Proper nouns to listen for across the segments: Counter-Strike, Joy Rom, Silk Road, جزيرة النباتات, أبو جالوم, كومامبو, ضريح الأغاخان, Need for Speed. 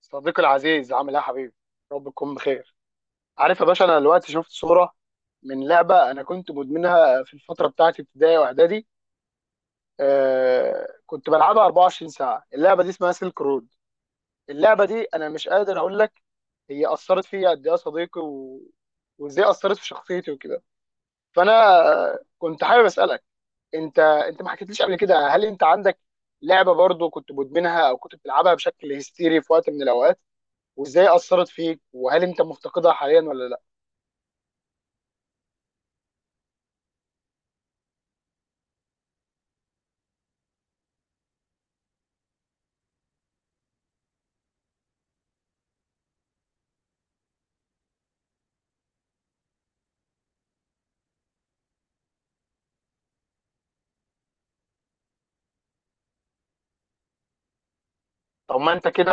صديقي العزيز، عامل ايه يا حبيبي؟ رب تكون بخير. عارف يا باشا، انا دلوقتي شفت صوره من لعبه انا كنت مدمنها في الفتره بتاعت ابتدائي واعدادي. كنت بلعبها 24 ساعه. اللعبه دي اسمها سيلك رود. اللعبه دي انا مش قادر اقول لك هي اثرت فيا قد ايه يا صديقي وازاي اثرت في شخصيتي وكده. فانا كنت حابب اسالك، انت ما حكيتليش قبل كده، هل انت عندك لعبه برضو كنت مدمنها او كنت بتلعبها بشكل هستيري في وقت من الاوقات، وازاي اثرت فيك، وهل انت مفتقدها حاليا ولا لا؟ طب ما انت كده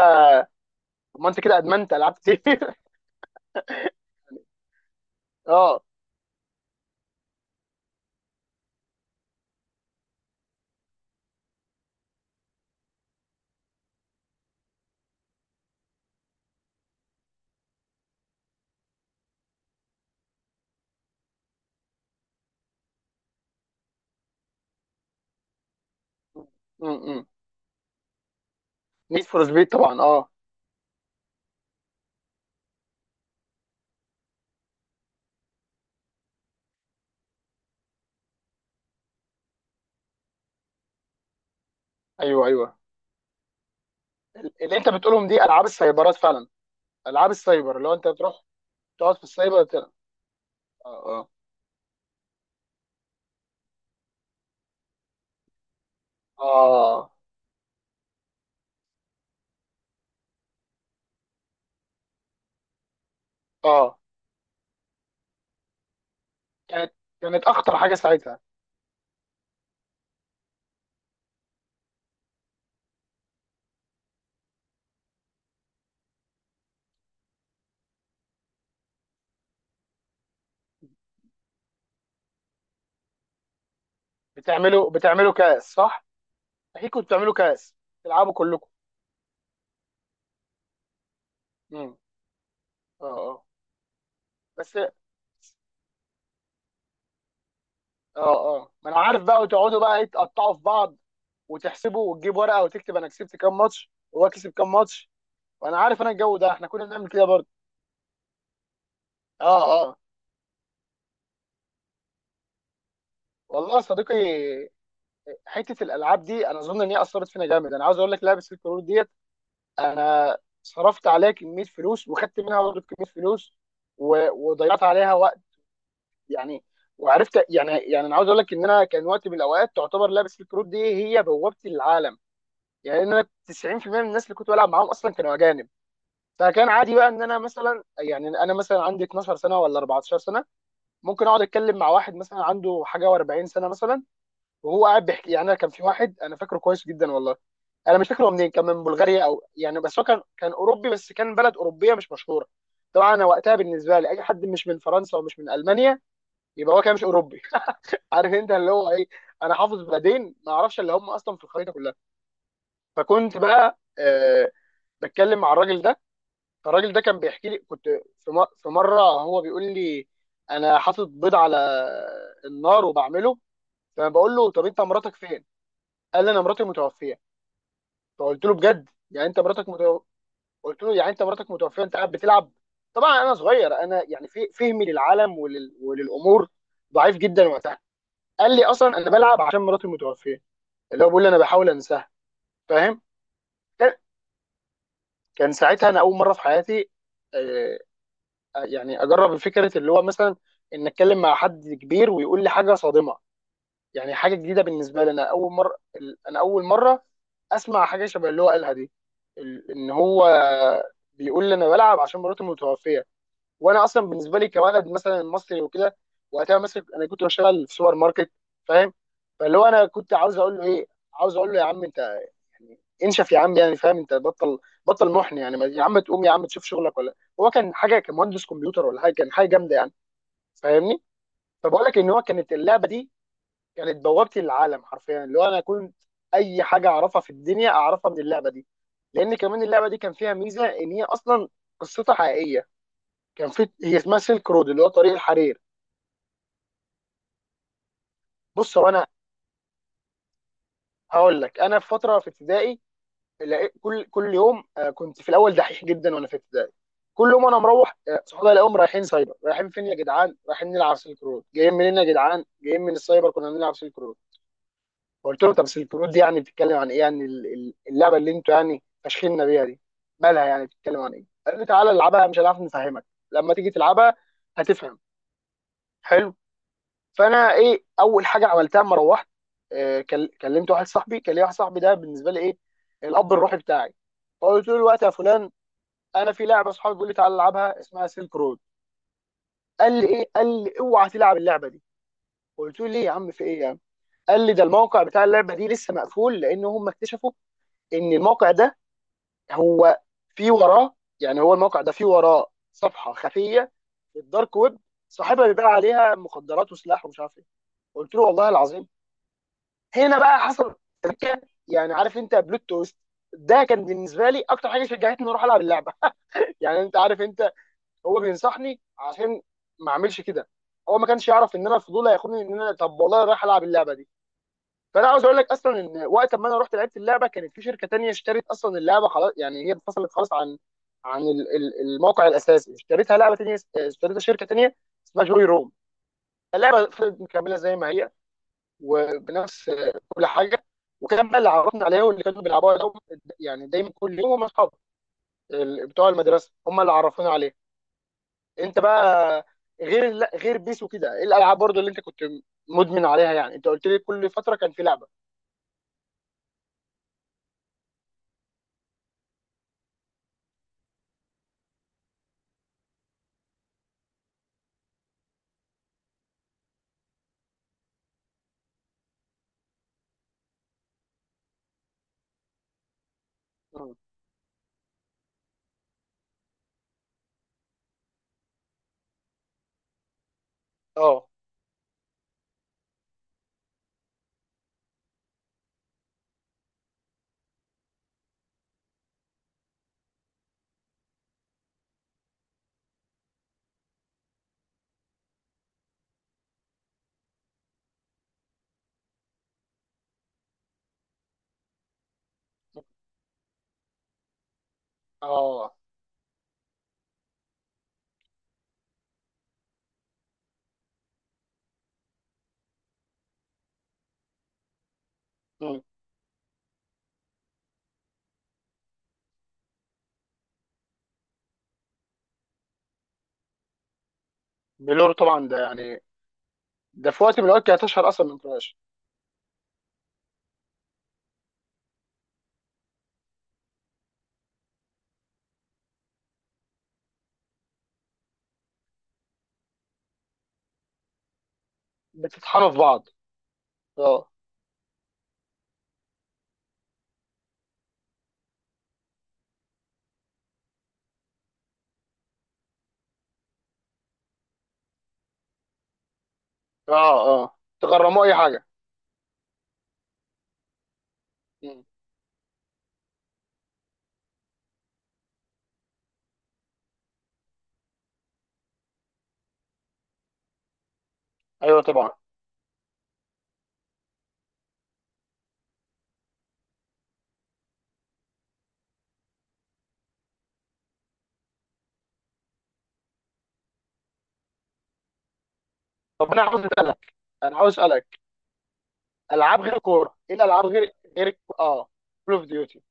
طب ما انت كده ادمنت العاب كتير. اه. نيد فور سبيد طبعا، اه. ايوه، ايوه، اللي انت بتقولهم دي العاب السايبرات فعلا. العاب السايبر اللي هو انت بتروح تقعد في السايبر تلعب. اه، اه. اه، اه. كانت كانت اخطر حاجه ساعتها. بتعملوا كاس، صح؟ اكيد كنتوا بتعملوا كاس، تلعبوا كلكم. امم اه، اه. بس اه، اه، ما انا عارف بقى، وتقعدوا بقى تقطعوا في بعض وتحسبه، وتجيب ورقه وتكتب انا كسبت كام ماتش وهو كسب كام ماتش. وانا عارف انا الجو ده احنا كنا بنعمل كده برضه. اه، اه. والله يا صديقي، حته الالعاب دي انا اظن ان هي اثرت فينا جامد. انا عاوز اقول لك لعبه الكرور ديت، انا صرفت عليها كميه فلوس، وخدت منها برضه كميه فلوس، و... وضيعت عليها وقت يعني. وعرفت، يعني انا عاوز اقول لك ان انا كان وقت من الاوقات تعتبر لعبه الكروت دي هي بوابتي للعالم. يعني انا 90% من الناس اللي كنت بلعب معاهم اصلا كانوا اجانب. فكان عادي بقى ان انا مثلا، يعني انا مثلا عندي 12 سنه ولا 14 سنه، ممكن اقعد اتكلم مع واحد مثلا عنده حاجه و40 سنه مثلا، وهو قاعد بيحكي. يعني انا كان في واحد انا فاكره كويس جدا والله، انا مش فاكره هو منين، كان من بلغاريا او يعني، بس هو كان اوروبي، بس كان بلد اوروبيه مش مشهوره. طبعا انا وقتها بالنسبه لي اي حد مش من فرنسا ومش من المانيا يبقى هو كده مش اوروبي. عارف انت اللي هو ايه، انا حافظ بلدين ما اعرفش اللي هم اصلا في الخريطه كلها. فكنت بقى بتكلم مع الراجل ده. الراجل ده كان بيحكي لي، كنت في مره هو بيقول لي انا حاطط بيض على النار وبعمله، فبقول له طب انت مراتك فين؟ قال لي انا مراتي متوفيه. فقلت له بجد؟ يعني انت مراتك قلت له يعني انت مراتك متوفيه انت قاعد بتلعب؟ طبعا انا صغير، انا يعني في فهمي للعالم وللامور ضعيف جدا وقتها. قال لي اصلا انا بلعب عشان مراتي متوفيه، اللي هو بيقول لي انا بحاول انساها، فاهم؟ كان كان ساعتها انا اول مره في حياتي آه، يعني اجرب فكره اللي هو مثلا ان اتكلم مع حد كبير ويقول لي حاجه صادمه. يعني حاجه جديده بالنسبه لي. انا اول مره اسمع حاجه شبه اللي هو قالها دي. ان هو بيقول لي انا بلعب عشان مراتي متوفيه. وانا اصلا بالنسبه لي كولد مثلا مصري وكده، وقتها مثلا انا كنت بشتغل في سوبر ماركت، فاهم. فاللي هو انا كنت عاوز اقول له ايه، عاوز اقول له يا عم انت انشف يا عم، يعني فاهم، انت بطل محن يعني، يا عم تقوم يا عم تشوف شغلك. ولا هو كان حاجه كمهندس كمبيوتر ولا حاجه، كان حاجه جامده يعني. فاهمني؟ فبقول لك ان هو كانت اللعبه دي كانت بوابتي للعالم حرفيا. اللي هو انا كنت اي حاجه اعرفها في الدنيا اعرفها من اللعبه دي، لان كمان اللعبه دي كان فيها ميزه ان هي اصلا قصتها حقيقيه. كان في، هي اسمها سيلك رود اللي هو طريق الحرير. بص، هو انا هقول لك، انا في فتره في ابتدائي لقيت كل يوم، كنت في الاول دحيح جدا وانا في ابتدائي. كل يوم انا مروح صحابي الاقيهم رايحين سايبر. رايحين فين يا جدعان؟ رايحين نلعب سلك رود. جايين منين يا جدعان؟ جايين من السايبر كنا بنلعب سلك رود. فقلت لهم طب سلك رود دي يعني بتتكلم عن ايه؟ يعني اللعبه اللي انتوا يعني فاشخيننا بيها دي، مالها؟ يعني بتتكلم عن ايه؟ قال لي تعالى العبها، مش هنعرف نفهمك، لما تيجي تلعبها هتفهم. حلو. فانا ايه اول حاجه عملتها اما روحت؟ كلمت واحد صاحبي، كان لي واحد صاحبي ده بالنسبه لي ايه، الاب الروحي بتاعي. فقلت له الوقت يا فلان، انا في لعبه اصحابي بيقول لي تعالى العبها، اسمها سيلك رود. قال لي ايه؟ قال لي اوعى تلعب اللعبه دي. قلت له ليه يا عم؟ في ايه يا عم؟ قال لي ده الموقع بتاع اللعبه دي لسه مقفول، لان هم اكتشفوا ان الموقع ده هو في وراه، يعني هو الموقع ده في وراه صفحه خفيه في الدارك ويب، صاحبها بيبيع عليها مخدرات وسلاح ومش عارف ايه. قلت له والله العظيم؟ هنا بقى حصل تركه، يعني عارف انت بلوت تويست، ده كان بالنسبه لي اكتر حاجه شجعتني اروح العب اللعبه. يعني انت عارف انت، هو بينصحني عشان ما اعملش كده، هو ما كانش يعرف ان انا الفضول هياخدني ان انا طب والله رايح العب اللعبه دي. فانا عاوز اقول لك اصلا ان وقت ما انا رحت لعبت اللعبه، كانت في شركه تانية اشترت اصلا اللعبه، خلاص يعني هي انفصلت خلاص عن عن الموقع الاساسي. اشتريتها لعبه تانية، اشتريتها شركه تانية اسمها جوي روم. اللعبه فضلت مكمله زي ما هي وبنفس كل حاجه. وكان بقى اللي عرفنا عليها واللي كانوا بيلعبوها دوم، يعني دايما كل يوم، هم اصحابي بتوع المدرسه هم اللي عرفونا عليها. انت بقى غير، لا غير بيس وكده، ايه الالعاب برضو اللي انت كنت مدمن عليها؟ يعني انت قلت لي كل فتره كان في لعبه. مم. اه، اه. مم. بلور طبعا، ده يعني، ده في وقت من الاوقات كانت اشهر اصلا من كراش. بتطحنوا في بعض. اه، اه، اه. تغرموا اي حاجه. مم. ايوه طبعا. طب انا عاوز اسالك، انا عاوز اسالك العاب غير كوره، ايه الالعاب غير كول اوف ديوتي.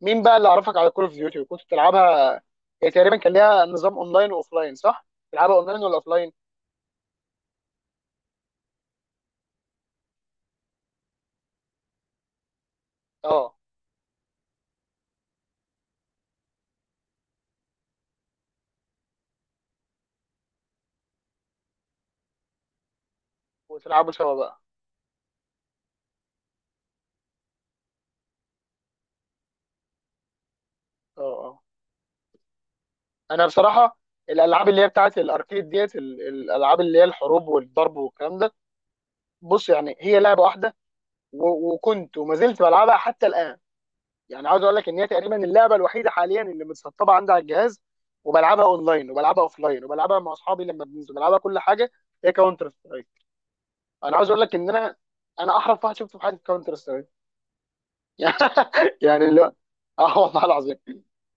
مين بقى اللي عرفك على كول اوف ديوتي وكنت بتلعبها؟ هي تقريبا كان ليها نظام اونلاين واوفلاين، صح؟ تلعبها اونلاين ولا اوفلاين؟ اه. وتلعبوا سوا بقى. اه، اه. انا بصراحه الالعاب اللي هي بتاعت الاركيد ديت، الالعاب اللي هي الحروب والضرب والكلام ده، بص يعني هي لعبه واحده، وكنت وما زلت بلعبها حتى الان، يعني عاوز اقول لك ان هي تقريبا اللعبه الوحيده حاليا اللي متسطبه عندي على الجهاز. وبلعبها اونلاين وبلعبها اوفلاين وبلعبها مع اصحابي لما بننزل بلعبها، كل حاجه. هي كاونتر سترايك. انا عاوز اقول لك ان انا احرف واحد شفته في حياتي في كاونتر. يعني اللي هو، اه والله العظيم.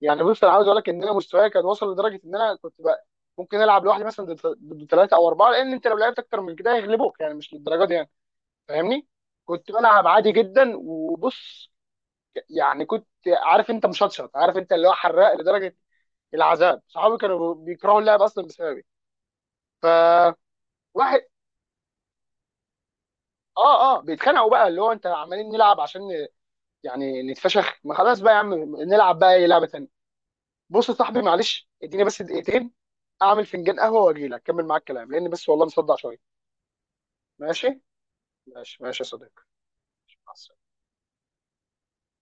يعني بص انا عاوز اقول لك ان انا، مستواي كان وصل لدرجه ان انا كنت بقى ممكن العب لوحدي مثلا ضد ثلاثه او اربعه. لان انت لو لعبت اكتر من كده هيغلبوك، يعني مش للدرجه دي يعني. فاهمني؟ كنت بلعب عادي جدا، وبص، يعني كنت عارف انت مشطشط، عارف انت اللي هو حراق لدرجه العذاب. صحابي كانوا بيكرهوا اللعب اصلا بسببي، فواحد، اه، اه، بيتخانقوا بقى، اللي هو انت عمالين نلعب عشان يعني نتفشخ. ما خلاص بقى يا عم نلعب بقى اي لعبه تانيه. بص يا صاحبي، معلش اديني بس دقيقتين اعمل فنجان قهوه واجي لك اكمل معاك الكلام، لان بس والله مصدع شويه. ماشي، ماشي، ماشي يا صديقي. مع السلامة.